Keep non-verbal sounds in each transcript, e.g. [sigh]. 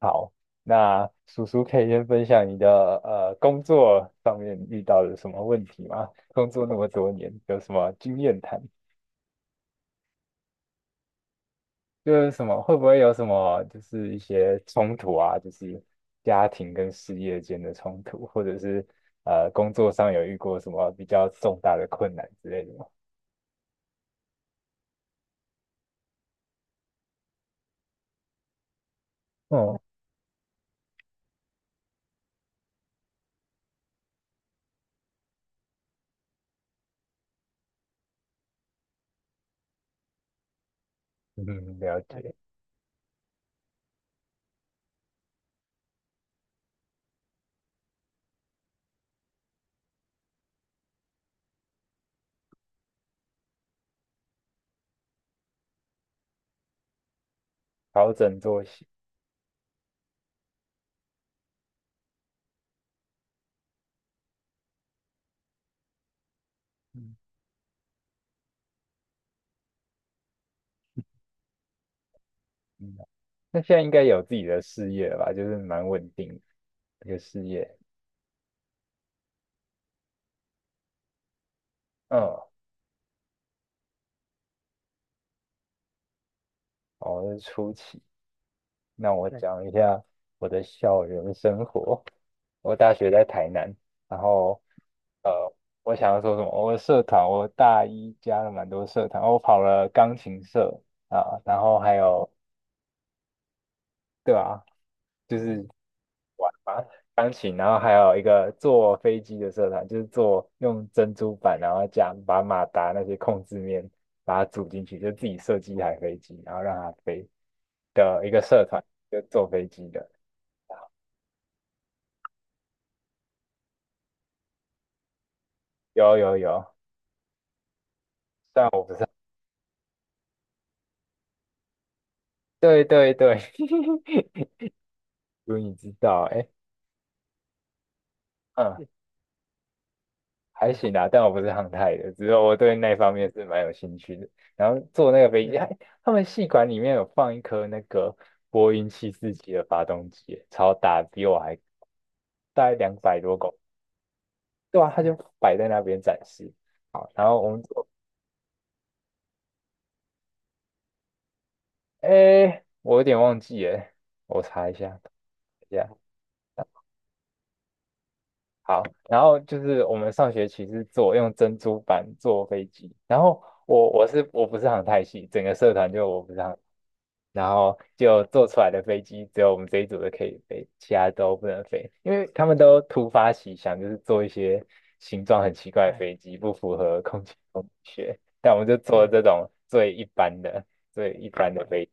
好，那叔叔可以先分享你的工作上面遇到的什么问题吗？工作那么多年，有什么经验谈？就是什么会不会有什么就是一些冲突啊？就是家庭跟事业间的冲突，或者是工作上有遇过什么比较重大的困难之类的吗？哦，[laughs] 嗯，了解，调整作息，嗯嗯，那现在应该有自己的事业了吧？就是蛮稳定的一个事业，嗯。哦，是初期，那我对讲一下我的校园生活。我大学在台南，然后呃，我想要说什么？我的社团，我大一加了蛮多社团，我跑了钢琴社啊，然后还有对啊，就是啊，钢琴，然后还有一个坐飞机的社团，就是坐用珍珠板，然后加把马达那些控制面把它组进去，就自己设计一台飞机，然后让它飞的一个社团，就坐飞机的。有有有，虽对对对，[laughs] 如你知道，哎，嗯，还行啦，但我不是航太的，只是我对那方面是蛮有兴趣的。然后坐那个飞机，他们系馆里面有放一颗那个波音747的发动机，超大，比我还大概200多公斤，对啊，他就摆在那边展示。好，然后我们坐，哎，我有点忘记哎，我查一下，等一下。好，然后就是我们上学期是做用珍珠板做飞机，然后我不是航太系，整个社团就我不是航，然后就做出来的飞机只有我们这一组的可以飞，其他都不能飞，因为他们都突发奇想，就是做一些形状很奇怪的飞机，不符合空气动力学，但我们就做这种最一般的飞机，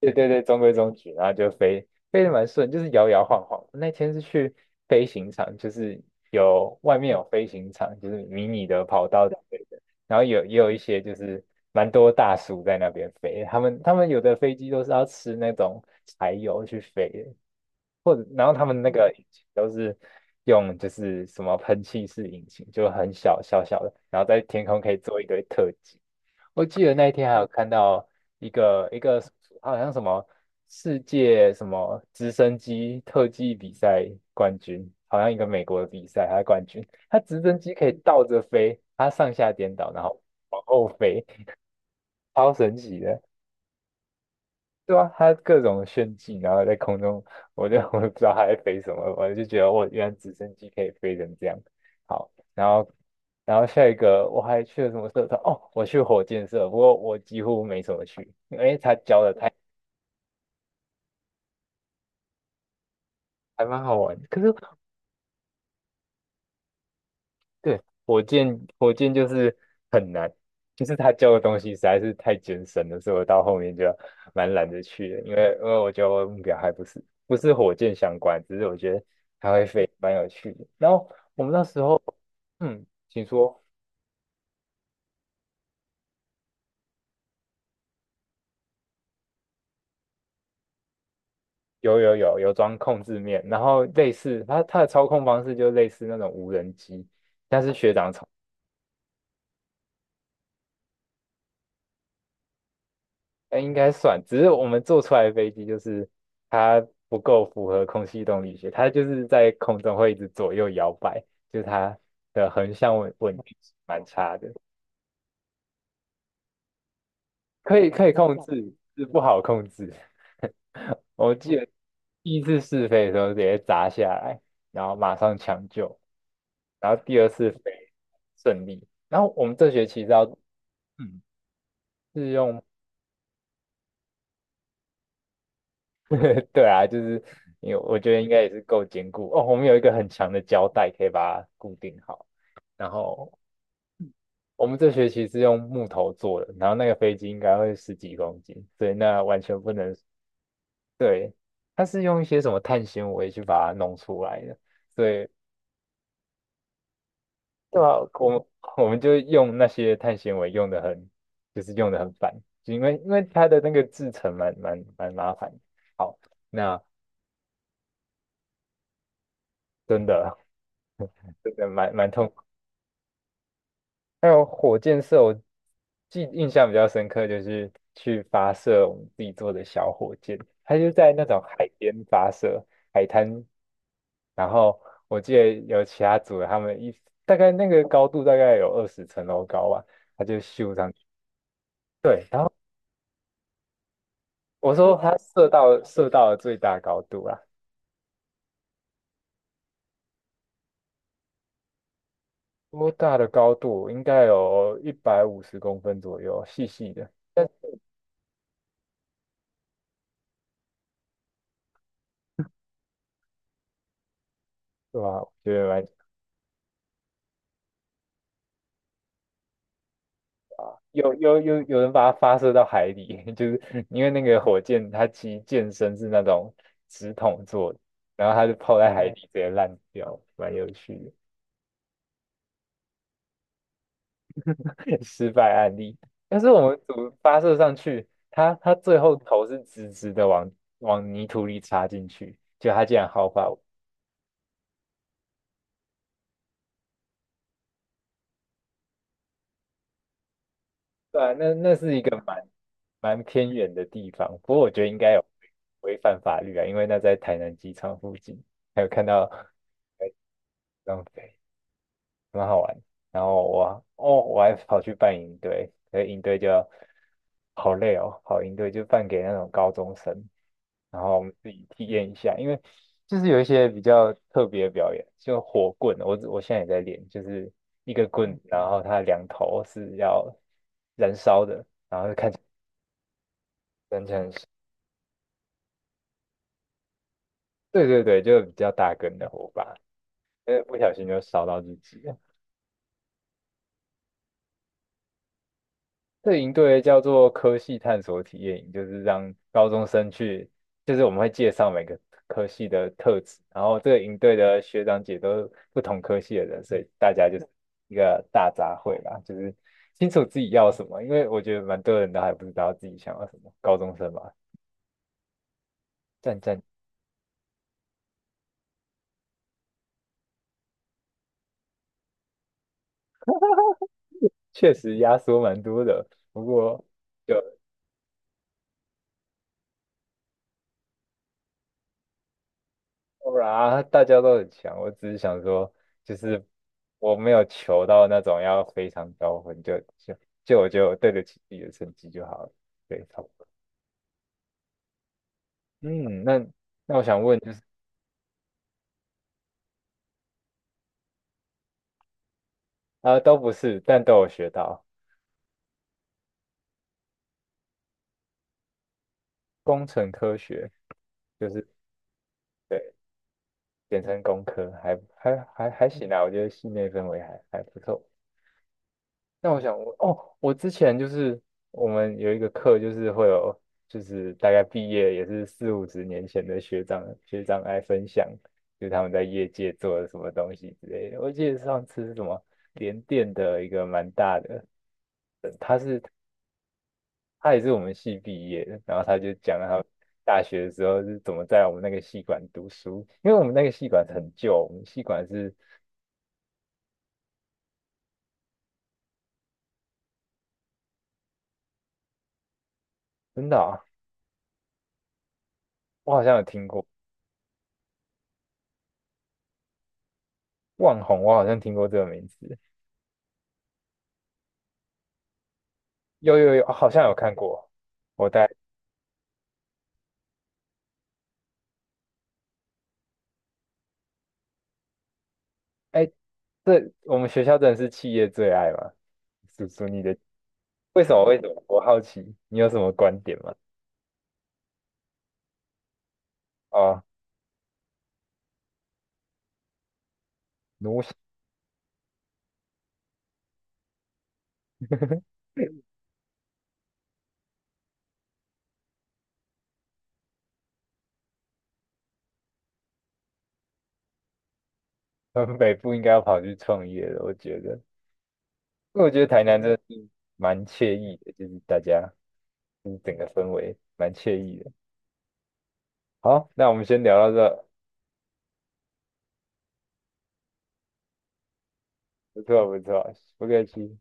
对对对，中规中矩，然后就飞得蛮顺，就是摇摇晃晃。那天是去飞行场，就是有外面有飞行场，就是迷你的跑道之类的，然后有也有一些就是蛮多大叔在那边飞，他们有的飞机都是要吃那种柴油去飞的，或者然后他们那个引擎都是用就是什么喷气式引擎，就很小的，然后在天空可以做一堆特技。我记得那一天还有看到一个好像什么世界什么直升机特技比赛冠军，好像一个美国的比赛，他是冠军，他直升机可以倒着飞，他上下颠倒，然后往后飞，超神奇的。对啊，它各种炫技，然后在空中，我就 [laughs] 我也不知道它在飞什么，我就觉得我原来直升机可以飞成这样。好，然后下一个我还去了什么社团？哦，我去火箭社，不过我几乎没什么去，因为他教的太还蛮好玩。可是对，火箭就是很难，就是他教的东西实在是太艰深了，所以我到后面就蛮懒得去的，因为我觉得我的目标还不是火箭相关，只是我觉得它会飞蛮有趣的。然后我们那时候，嗯，请说，有有有,有装控制面，然后类似它的操控方式就类似那种无人机，但是。呃，应该算，只是我们做出来的飞机就是它不够符合空气动力学，它就是在空中会一直左右摇摆，就是它的横向稳定性蛮差的，可以控制，是不好控制。[laughs] 我记得第一次试飞的时候直接砸下来，然后马上抢救，然后第二次飞顺利，然后我们这学期是要嗯。是用。[laughs] 对啊，就是因为我觉得应该也是够坚固哦。我们有一个很强的胶带可以把它固定好。然后我们这学期是用木头做的，然后那个飞机应该会十几公斤，所以那完全不能。对，它是用一些什么碳纤维去把它弄出来的，所以 [laughs] 对啊，我们就用那些碳纤维用的很，就是用的很烦，就因为它的那个制成蛮麻烦的好，那真的 [laughs] 真的蛮痛。还有火箭射，印象比较深刻，就是去发射我们自己做的小火箭，它就在那种海边发射，海滩。然后我记得有其他组的，他们一大概那个高度大概有20层楼高吧，它就咻上去。对，然后我说它射到了最大高度啊，多大的高度？应该有150公分左右，细细的，对吧？我觉得蛮有有有有人把它发射到海里，[laughs] 就是因为那个火箭它其实箭身是那种直筒做的，然后它就泡在海底里直接烂掉，蛮有趣的 [laughs] 失败案例。但是我们组发射上去，它最后头是直直的往泥土里插进去，就它竟然毫发无，对啊，那是一个蛮偏远的地方，不过我觉得应该有违反法律啊，因为那在台南机场附近，还有看到浪费。蛮好玩。然后我还跑去扮营队，可是营队就好累哦，跑营队就扮给那种高中生，然后我们自己体验一下，因为就是有一些比较特别的表演，就火棍，我现在也在练，就是一个棍子然后它两头是要燃烧的，燃成对对对，就比较大根的火把，不小心就烧到自己。这营队叫做科系探索体验营，就是让高中生去，就是我们会介绍每个科系的特质，然后这个营队的学长姐都是不同科系的人，所以大家就是一个大杂烩吧，就是清楚自己要什么，因为我觉得蛮多人都还不知道自己想要什么，高中生嘛，战战确实压缩蛮多的，不过。就。不然啊，大家都很强。我只是想说，就是我没有求到那种要非常高分，就就就我就对得起自己的成绩就好了。对，差不多。嗯，那我想问，就是啊、都不是，但都有学到工程科学，就是对，简称工科，还行啊，我觉得系内氛围还不错。那我想问，哦，我之前就是我们有一个课，就是会有，就是大概毕业也是四五十年前的学长来分享，就是他们在业界做了什么东西之类的。我记得上次是什么联电的一个蛮大的，他也是我们系毕业的，然后他就讲了他大学的时候是怎么在我们那个系馆读书，因为我们那个系馆很旧，我们系馆是真的啊，我好像有听过万宏，我好像听过这个名字。有有有，好像有看过。我带，哎，这我们学校真的是企业最爱嘛？叔叔，你的为什么？为什么？我好奇，你有什么观点吗？哦，奴性，[laughs] 我们北部应该要跑去创业的，我觉得，因为我觉得台南真的是蛮惬意的，就是大家就是整个氛围蛮惬意的。好，那我们先聊到这，不错不错，不客气。